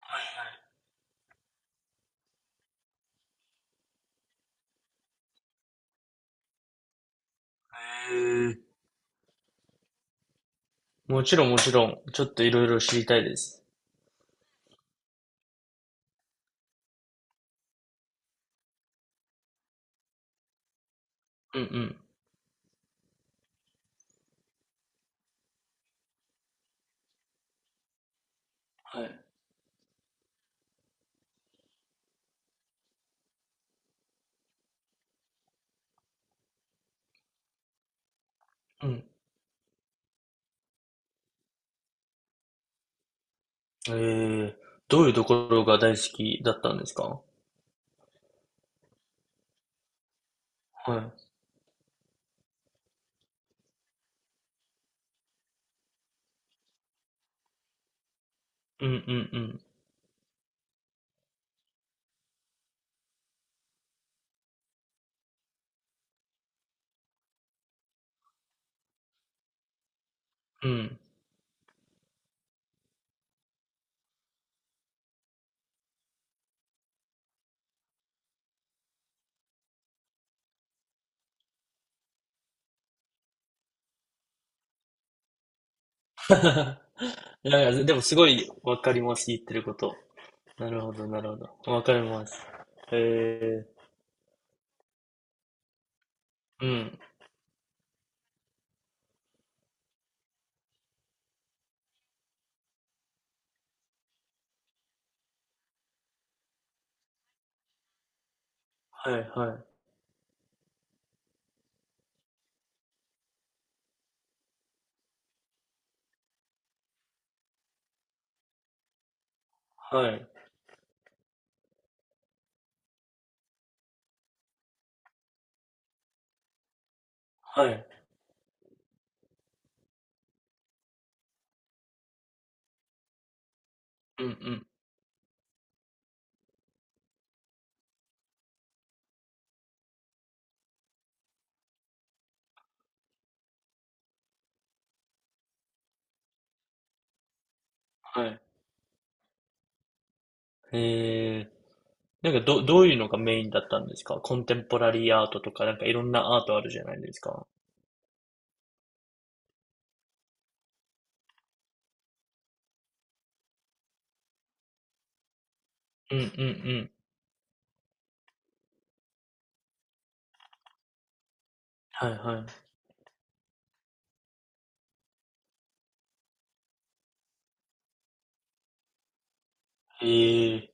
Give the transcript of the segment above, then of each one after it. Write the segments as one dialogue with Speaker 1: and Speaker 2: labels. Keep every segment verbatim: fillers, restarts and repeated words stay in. Speaker 1: はいはいへえ。もちろんもちろん、ちょっといろいろ知りたいです。うんはい。うん。はいうん。ええ、どういうところが大好きだったんですか？はい。うんうんうん。うん。いやいや、でもすごいわかります、言ってること。なるほど、なるほど。わかります。へえ。うん。はいはい。はい。はい。うんうん。はい。へえ。なんかど、どういうのがメインだったんですか？コンテンポラリーアートとか、なんかいろんなアートあるじゃないですか。うんうんはいはい。ええ、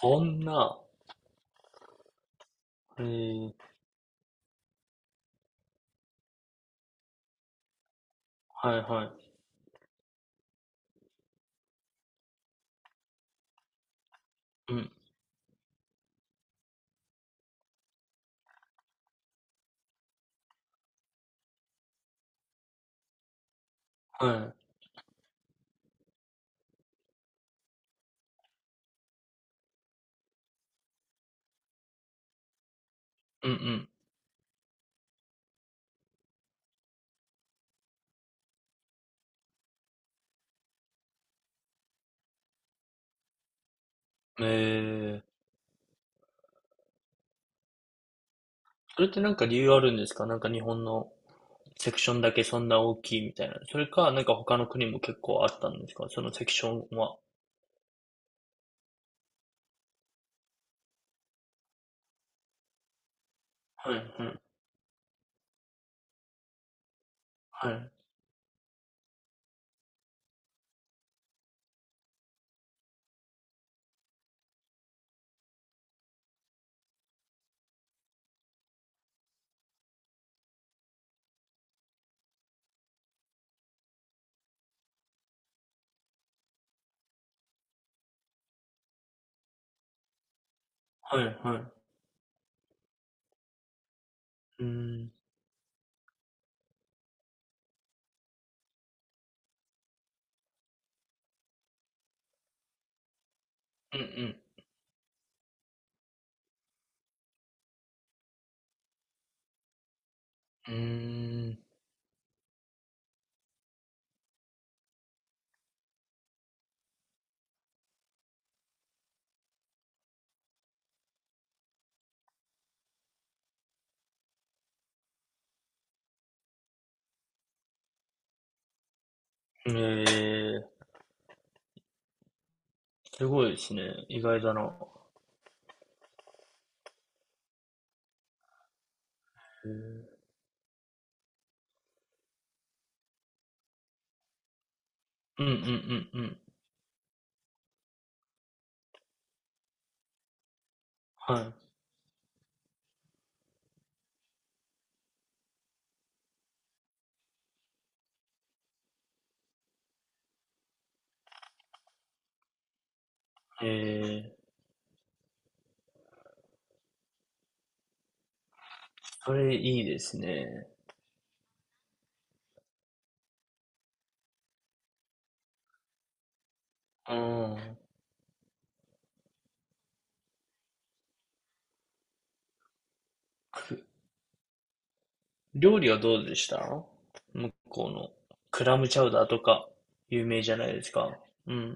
Speaker 1: そんな。ええ、はいはい。うん、はい。うんうん。ええ、それってなんか理由あるんですか？なんか日本のセクションだけそんな大きいみたいな。それか、なんか他の国も結構あったんですか？そのセクションは。はいはい。はい。はいはい。うーん。うんうん。うーん。ええ、すごいですね。意外だな。へえ。うんうんうんうん。はい。ええ、それいいですね。うーん。く、料理はどうでした、向こうの。クラムチャウダーとか、有名じゃないですか。うん。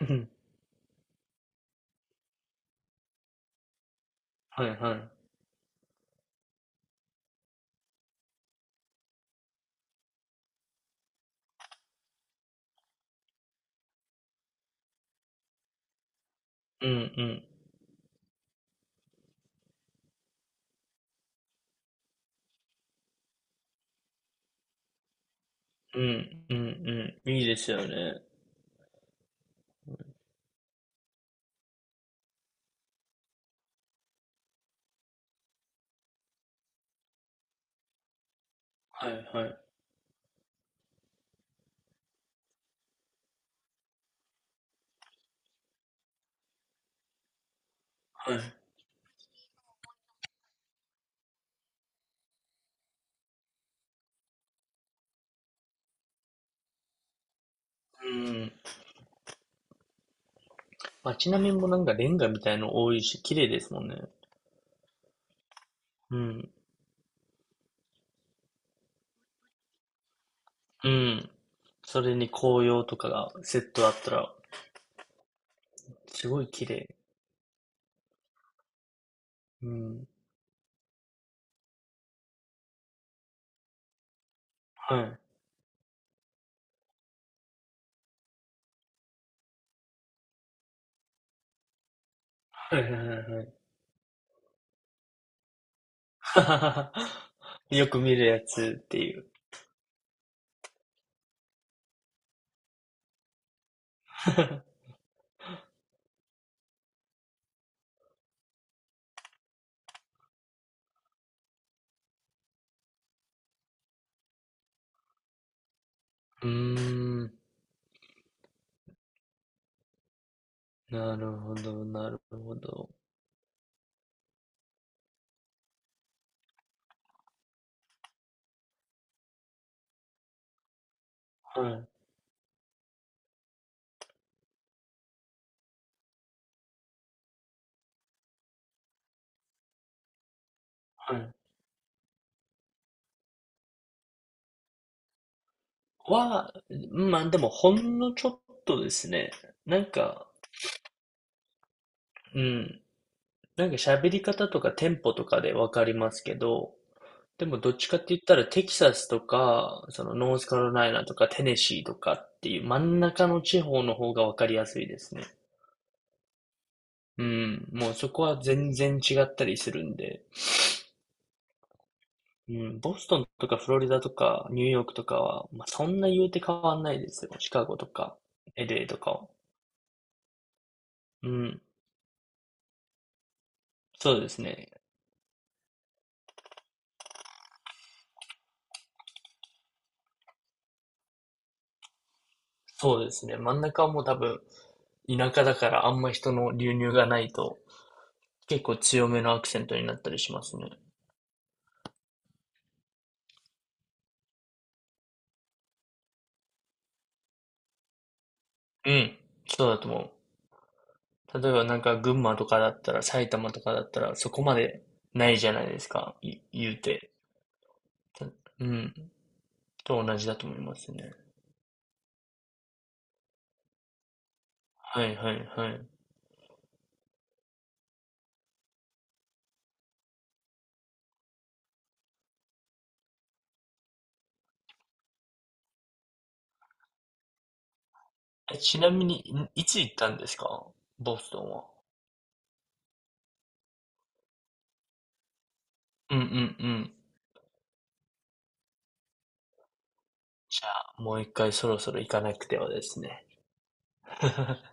Speaker 1: うん。はいはい。うんうん。うんうんうん。いいですよね。はいはいはい。うん。街並みもなんかレンガみたいの多いし、綺麗ですもんね。うん。うん。それに紅葉とかがセットあったら、すごい綺麗。うん。はい。はいはいはいはい。よく見るやつっていう。うーん。なるほど、なるほど。はい、はい。は、まあでもほんのちょっとですね。なんか、うん。なんか喋り方とかテンポとかでわかりますけど、でもどっちかって言ったらテキサスとか、そのノースカロライナとかテネシーとかっていう真ん中の地方の方がわかりやすいですね。うん。もうそこは全然違ったりするんで。うん、ボストンとかフロリダとかニューヨークとかは、まあ、そんな言うて変わんないですよ。シカゴとか、エルエー とかは。うん、そうですね。そうですね。真ん中はもう多分、田舎だからあんま人の流入がないと、結構強めのアクセントになったりしますね。うん、そうだと思う。例えばなんか群馬とかだったら、埼玉とかだったら、そこまでないじゃないですか、い言うて。た、うん、と同じだと思いますね。はいはいはい。え、ちなみに、んいつ行ったんですか、ボストンは。うんうんうん。じゃあ、もう一回そろそろ行かなくてはですね。